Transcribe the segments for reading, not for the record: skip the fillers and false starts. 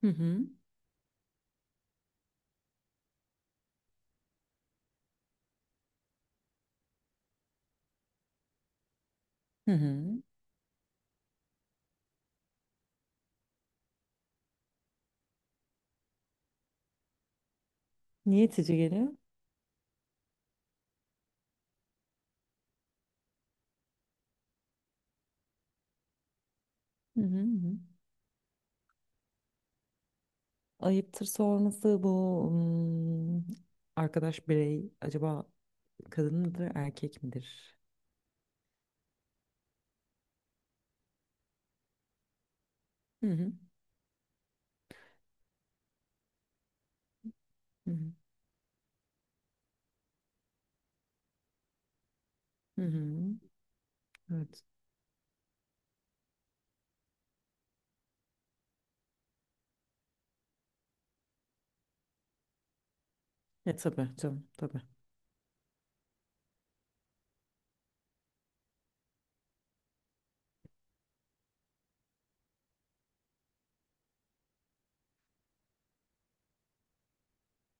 Hı hı. Hı hı. Niye itici geliyor? Hı hı hı. Ayıptır sorması, bu arkadaş birey acaba kadın mıdır, erkek midir? Hı hı. Hı hı. Hı hı. Evet. Tabii canım, tabii.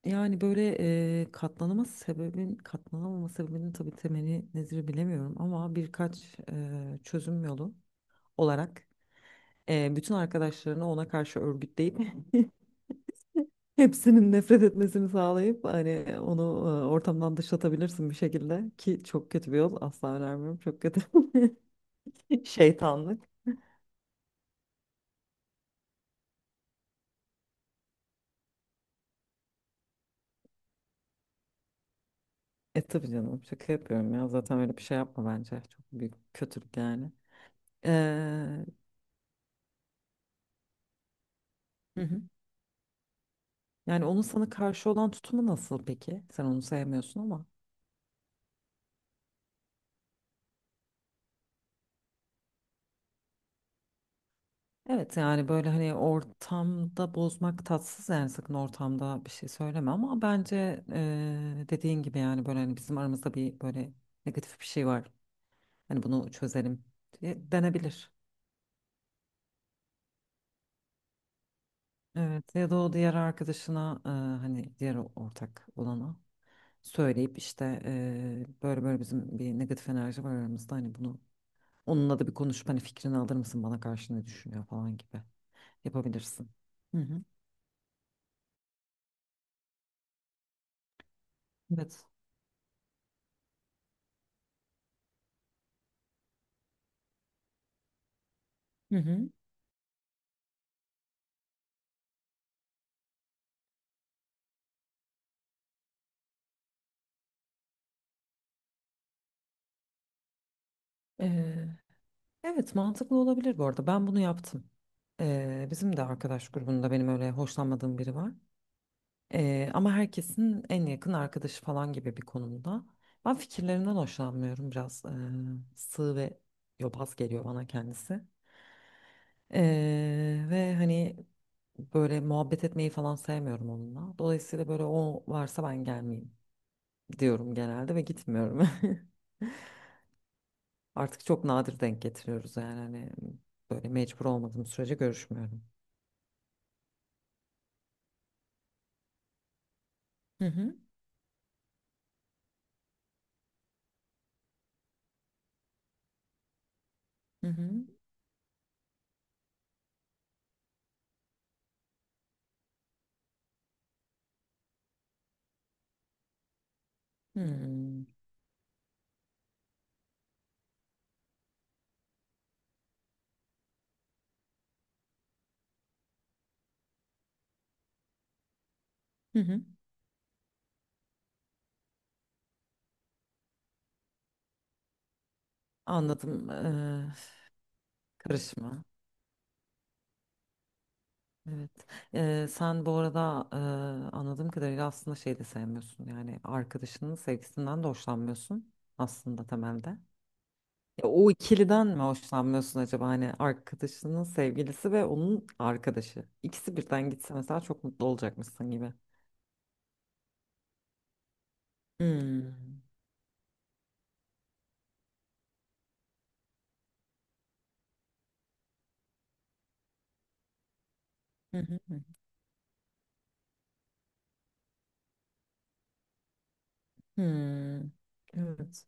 Yani böyle katlanamaz sebebin, katlanamama sebebinin tabii temeli nedir bilemiyorum, ama birkaç çözüm yolu olarak bütün arkadaşlarını ona karşı örgütleyip hepsinin nefret etmesini sağlayıp hani onu ortamdan dışlatabilirsin bir şekilde, ki çok kötü bir yol, asla önermiyorum, çok kötü şeytanlık. E tabii canım, şaka yapıyorum ya, zaten öyle bir şey yapma, bence çok büyük kötülük yani. Ee, hı hı. Yani onun sana karşı olan tutumu nasıl peki? Sen onu sevmiyorsun ama. Evet yani böyle hani ortamda bozmak tatsız, yani sakın ortamda bir şey söyleme, ama bence dediğin gibi, yani böyle hani bizim aramızda bir böyle negatif bir şey var, hani bunu çözelim diye denebilir. Evet, ya da o diğer arkadaşına hani diğer ortak olana söyleyip, işte böyle böyle bizim bir negatif enerji var aramızda, hani bunu onunla da bir konuşup hani fikrini alır mısın, bana karşı ne düşünüyor falan gibi yapabilirsin. Hı hı. Evet. Hı hı. Ee, evet, mantıklı olabilir. Bu arada ben bunu yaptım. Bizim de arkadaş grubunda benim öyle hoşlanmadığım biri var. Ama herkesin en yakın arkadaşı falan gibi bir konumda. Ben fikirlerinden hoşlanmıyorum, biraz sığ ve yobaz geliyor bana kendisi. Ve hani böyle muhabbet etmeyi falan sevmiyorum onunla. Dolayısıyla böyle o varsa ben gelmeyeyim diyorum genelde ve gitmiyorum. Artık çok nadir denk getiriyoruz, yani hani böyle mecbur olmadığım sürece görüşmüyorum. Hı hı hı hı. Hmm. Hı hı. Anladım. Karışma. Evet. Sen bu arada anladığım kadarıyla aslında şey de sevmiyorsun. Yani arkadaşının sevgisinden de hoşlanmıyorsun aslında temelde. Ya, o ikiliden mi hoşlanmıyorsun acaba? Hani arkadaşının sevgilisi ve onun arkadaşı. İkisi birden gitse mesela çok mutlu olacakmışsın gibi. Hmm. Hı hı hı. Hmm. Evet.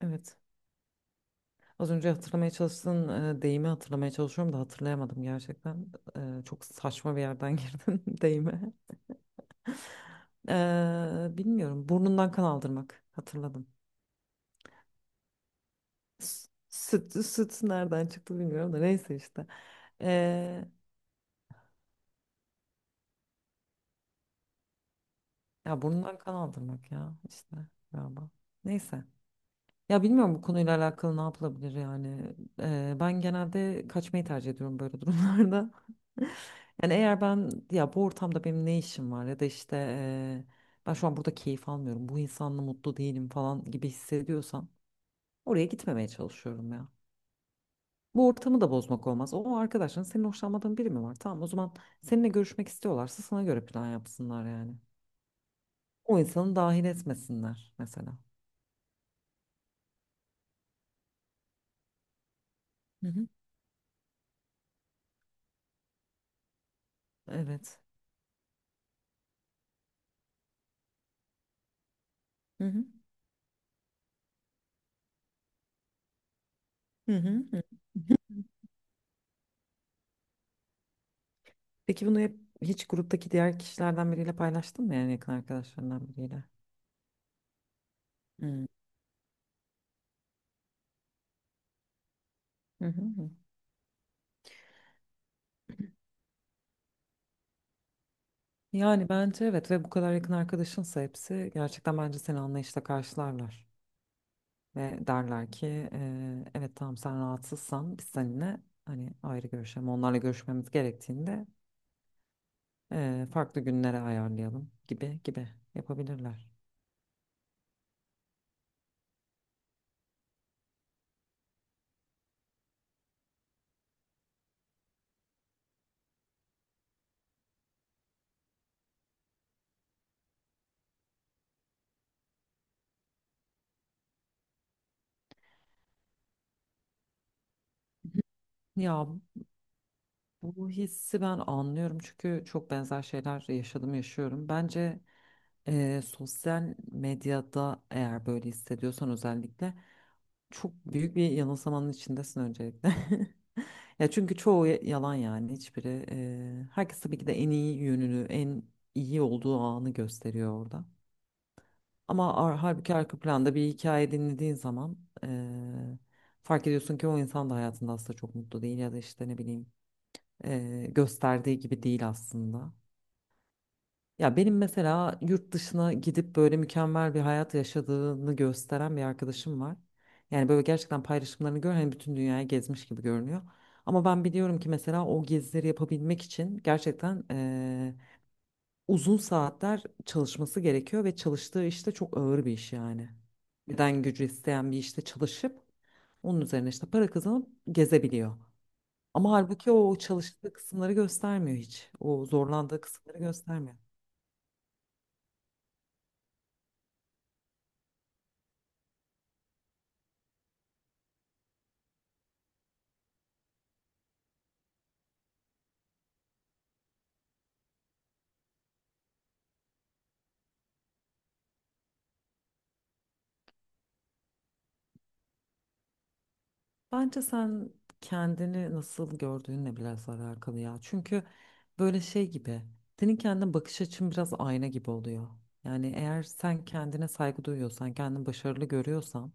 Evet. Az önce hatırlamaya çalıştığın deyimi hatırlamaya çalışıyorum da hatırlayamadım gerçekten. E, çok saçma bir yerden girdim deyime. Bilmiyorum. Burnundan kan aldırmak. Hatırladım. Süt, süt nereden çıktı bilmiyorum, da neyse işte. Ee, ya burnundan kan aldırmak ya işte, galiba. Neyse. Ya bilmiyorum bu konuyla alakalı ne yapılabilir yani. Ben genelde kaçmayı tercih ediyorum böyle durumlarda. Yani eğer ben, ya bu ortamda benim ne işim var, ya da işte ben şu an burada keyif almıyorum, bu insanla mutlu değilim falan gibi hissediyorsam oraya gitmemeye çalışıyorum ya. Bu ortamı da bozmak olmaz. O arkadaşların senin hoşlanmadığın biri mi var? Tamam, o zaman seninle görüşmek istiyorlarsa sana göre plan yapsınlar yani. O insanı dahil etmesinler mesela. Hı hı. Evet. Hı hı. Hı hı hı. Peki bunu hep hiç gruptaki diğer kişilerden biriyle paylaştın mı, yani yakın arkadaşlarından biriyle? Hı. Hı hı hı. Yani bence evet, ve bu kadar yakın arkadaşınsa hepsi, gerçekten bence seni anlayışla karşılarlar. Ve derler ki evet, tamam, sen rahatsızsan biz seninle hani ayrı görüşelim. Onlarla görüşmemiz gerektiğinde farklı günlere ayarlayalım gibi gibi yapabilirler. Ya bu hissi ben anlıyorum, çünkü çok benzer şeyler yaşadım, yaşıyorum. Bence sosyal medyada eğer böyle hissediyorsan, özellikle çok büyük bir yanılsamanın içindesin öncelikle. Ya çünkü çoğu yalan yani hiçbiri. Herkes tabii ki de en iyi yönünü, en iyi olduğu anı gösteriyor orada. Ama ar halbuki arka planda bir hikaye dinlediğin zaman fark ediyorsun ki o insan da hayatında aslında çok mutlu değil, ya da işte ne bileyim gösterdiği gibi değil aslında. Ya benim mesela yurt dışına gidip böyle mükemmel bir hayat yaşadığını gösteren bir arkadaşım var. Yani böyle gerçekten paylaşımlarını gör, hani bütün dünyayı gezmiş gibi görünüyor. Ama ben biliyorum ki mesela o gezileri yapabilmek için gerçekten uzun saatler çalışması gerekiyor, ve çalıştığı işte çok ağır bir iş yani. Beden gücü isteyen bir işte çalışıp onun üzerine işte para kazanıp gezebiliyor. Ama halbuki o çalıştığı kısımları göstermiyor hiç. O zorlandığı kısımları göstermiyor. Bence sen kendini nasıl gördüğünle biraz alakalı ya. Çünkü böyle şey gibi, senin kendine bakış açın biraz ayna gibi oluyor. Yani eğer sen kendine saygı duyuyorsan, kendini başarılı görüyorsan,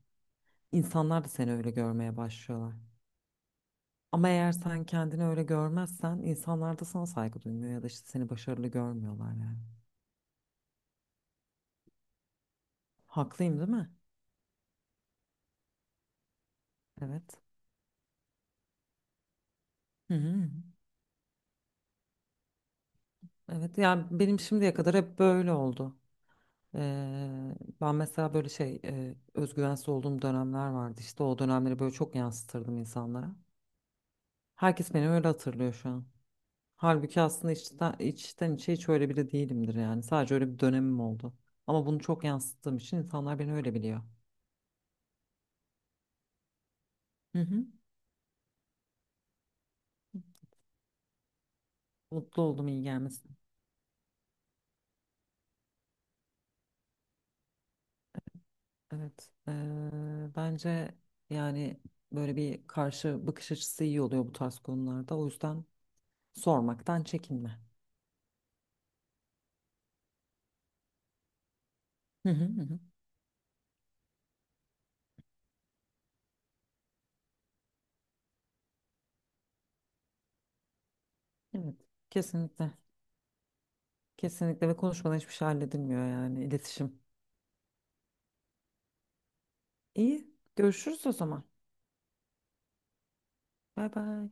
insanlar da seni öyle görmeye başlıyorlar. Ama eğer sen kendini öyle görmezsen, insanlar da sana saygı duymuyor, ya da işte seni başarılı görmüyorlar yani. Haklıyım değil mi? Evet. Hı hı. Evet, yani benim şimdiye kadar hep böyle oldu. Eee, ben mesela böyle şey özgüvensiz olduğum dönemler vardı, işte o dönemleri böyle çok yansıtırdım insanlara. Herkes beni öyle hatırlıyor şu an. Halbuki aslında içten, içten içe hiç öyle biri değilimdir yani. Sadece öyle bir dönemim oldu. Ama bunu çok yansıttığım için insanlar beni öyle biliyor. Hı hı. Mutlu oldum, iyi gelmesin. Evet. Bence yani böyle bir karşı bakış açısı iyi oluyor bu tarz konularda. O yüzden sormaktan çekinme. Hı hı hı hı. Evet. Kesinlikle. Kesinlikle, ve konuşmadan hiçbir şey halledilmiyor, yani iletişim. İyi. Görüşürüz o zaman. Bay bay.